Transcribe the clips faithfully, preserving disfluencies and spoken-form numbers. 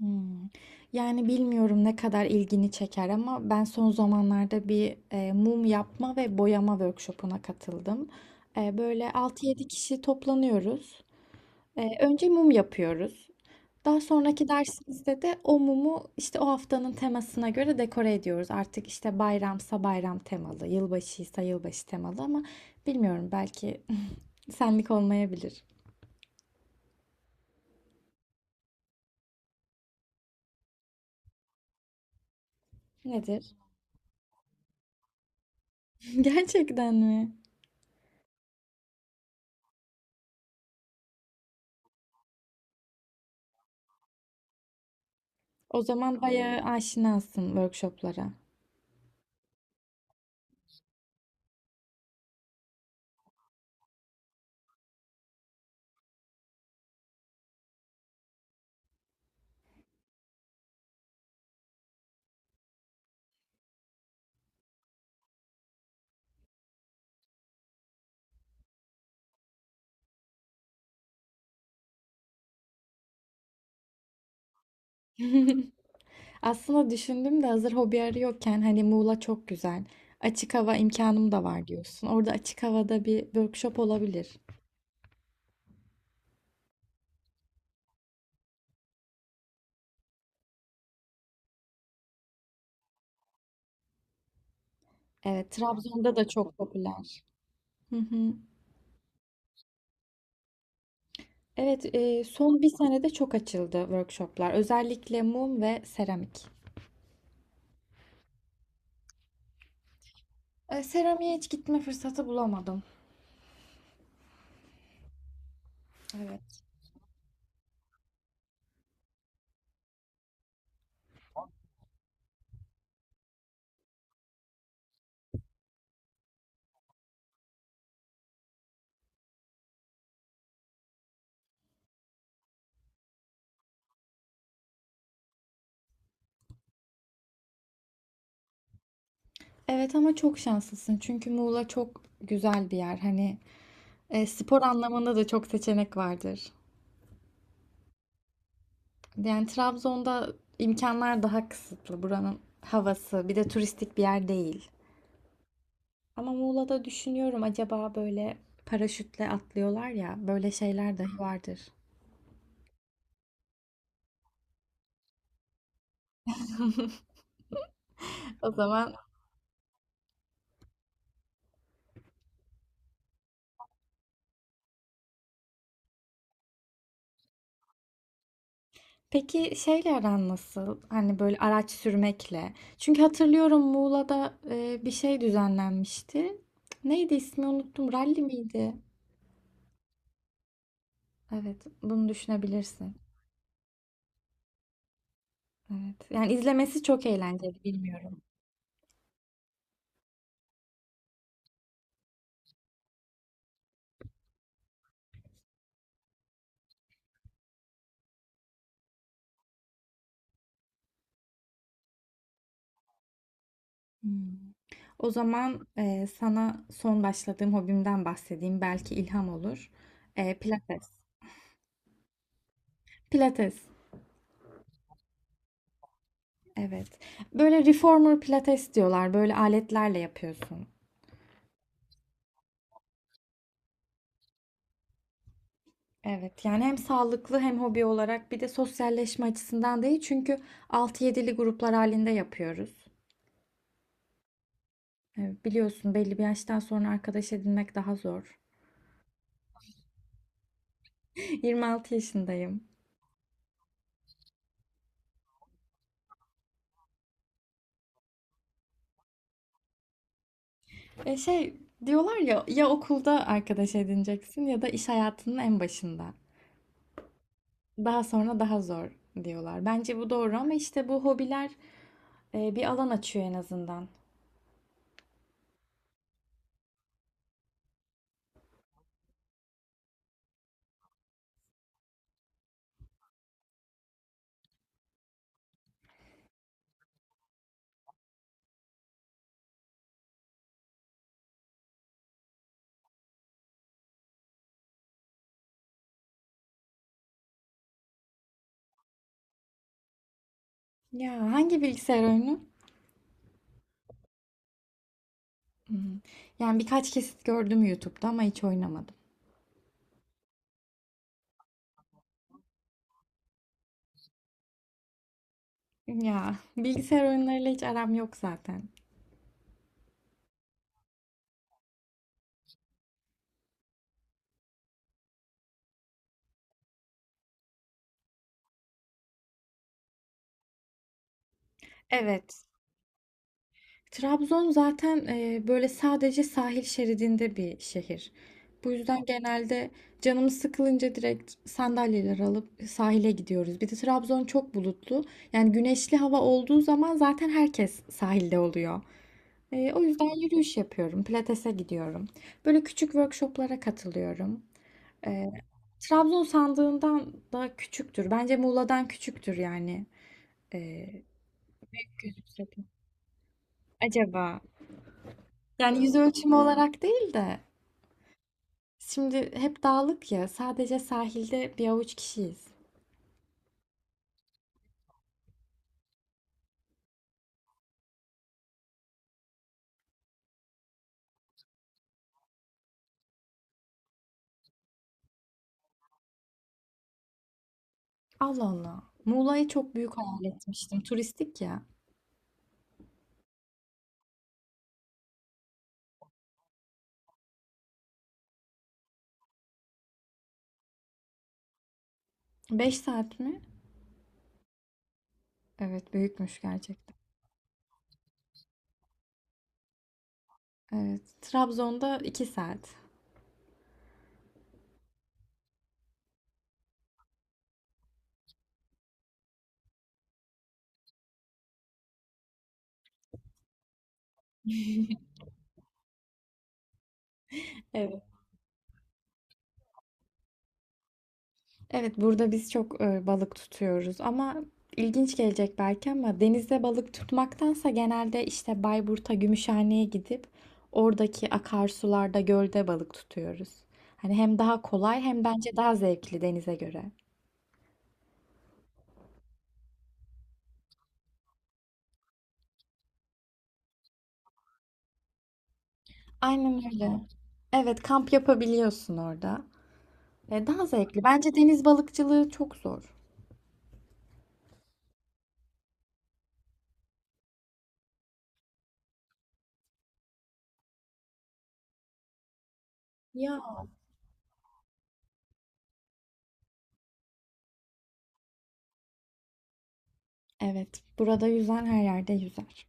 Hımm. Yani bilmiyorum ne kadar ilgini çeker ama ben son zamanlarda bir, eee, mum yapma ve boyama workshop'una katıldım. Eee, böyle altı yedi kişi toplanıyoruz. Eee, önce mum yapıyoruz. Daha sonraki dersimizde de o mumu, işte, o haftanın temasına göre dekore ediyoruz. Artık, işte, bayramsa bayram temalı, yılbaşıysa yılbaşı temalı ama bilmiyorum belki senlik olmayabilir. Nedir? Gerçekten mi? O zaman bayağı aşinasın workshoplara. Aslında düşündüm de hazır hobi arıyorken hani Muğla çok güzel. Açık hava imkanım da var diyorsun. Orada açık havada bir workshop olabilir. Evet, Trabzon'da da çok popüler. Hı hı. Evet, e, son bir senede çok açıldı workshoplar. Özellikle mum ve seramik. E, seramiğe hiç gitme fırsatı bulamadım. Evet. Evet ama çok şanslısın çünkü Muğla çok güzel bir yer. Hani e, spor anlamında da çok seçenek vardır. Yani Trabzon'da imkanlar daha kısıtlı. Buranın havası, bir de turistik bir yer değil. Ama Muğla'da düşünüyorum acaba böyle paraşütle atlıyorlar ya, böyle şeyler dahi vardır. O zaman peki şeyle aran nasıl? Hani böyle araç sürmekle. Çünkü hatırlıyorum Muğla'da e, bir şey düzenlenmişti. Neydi ismi unuttum. Rally miydi? Evet, bunu düşünebilirsin. Evet. Yani izlemesi çok eğlenceli, bilmiyorum. Hmm. O zaman e, sana son başladığım hobimden bahsedeyim. Belki ilham olur. E, pilates. Pilates. Evet. Böyle reformer pilates diyorlar. Böyle aletlerle yapıyorsun. Evet. Yani hem sağlıklı hem hobi olarak bir de sosyalleşme açısından değil. Çünkü altı yedili gruplar halinde yapıyoruz. E, biliyorsun belli bir yaştan sonra arkadaş edinmek daha zor. yirmi altı yaşındayım. E şey diyorlar ya ya okulda arkadaş edineceksin ya da iş hayatının en başında. Daha sonra daha zor diyorlar. Bence bu doğru ama işte bu hobiler e, bir alan açıyor en azından. Ya hangi bilgisayar oyunu? Hmm, yani birkaç kesit gördüm YouTube'da ama hiç oynamadım. Ya bilgisayar oyunlarıyla hiç aram yok zaten. Evet, Trabzon zaten e, böyle sadece sahil şeridinde bir şehir. Bu yüzden genelde canımız sıkılınca direkt sandalyeler alıp sahile gidiyoruz. Bir de Trabzon çok bulutlu. Yani güneşli hava olduğu zaman zaten herkes sahilde oluyor. E, o yüzden yürüyüş yapıyorum, pilatese gidiyorum. Böyle küçük workshoplara katılıyorum. E, Trabzon sandığından da küçüktür. Bence Muğla'dan küçüktür yani. E, Gözükse acaba? Yani yüz ölçümü olarak değil de. Şimdi hep dağlık ya, sadece sahilde bir avuç kişiyiz. Allah Allah. Muğla'yı çok büyük hayal etmiştim. Turistik ya. Beş saat mi? Evet, büyükmüş gerçekten. Evet. Trabzon'da iki saat. Evet. Evet, burada biz çok e, balık tutuyoruz ama ilginç gelecek belki ama denizde balık tutmaktansa genelde işte Bayburt'a, Gümüşhane'ye gidip oradaki akarsularda, gölde balık tutuyoruz. Hani hem daha kolay hem bence daha zevkli denize göre. Aynen öyle. Evet, kamp yapabiliyorsun orada. E, daha zevkli. Bence deniz balıkçılığı çok zor. Ya evet, burada yüzen her yerde yüzer.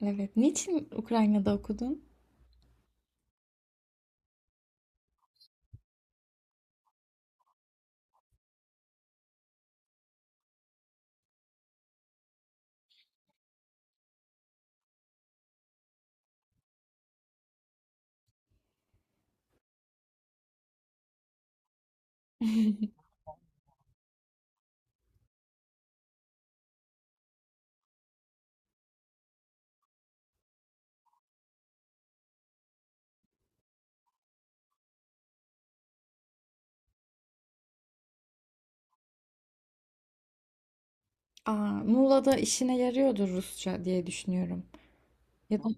Evet, niçin Ukrayna'da okudun? Aa, Muğla'da işine yarıyordur Rusça diye düşünüyorum. Ya da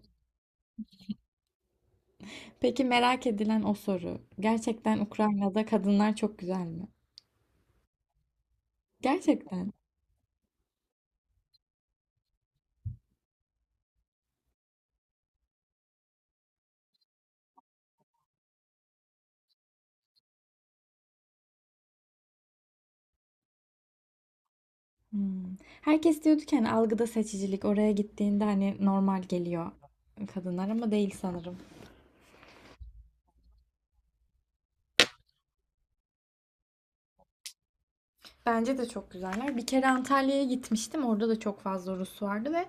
peki merak edilen o soru. Gerçekten Ukrayna'da kadınlar çok güzel mi? Gerçekten. Hmm. Herkes diyordu ki hani algıda seçicilik oraya gittiğinde hani normal geliyor kadınlar ama değil sanırım. Bence de çok güzeller. Bir kere Antalya'ya gitmiştim. Orada da çok fazla Rus vardı ve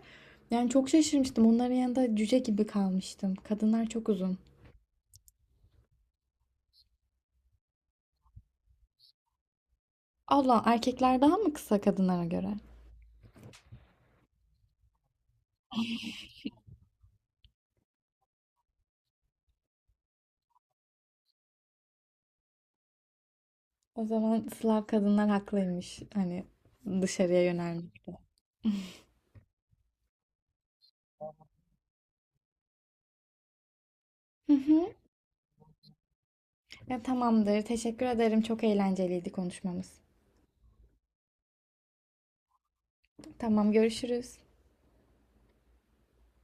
yani çok şaşırmıştım. Onların yanında cüce gibi kalmıştım. Kadınlar çok uzun. Allah erkekler daha mı kısa kadınlara göre? O zaman Slav kadınlar haklıymış. Hani dışarıya yönelmekte. Hı hı. Ya, tamamdır. Teşekkür ederim. Çok eğlenceliydi konuşmamız. Tamam görüşürüz.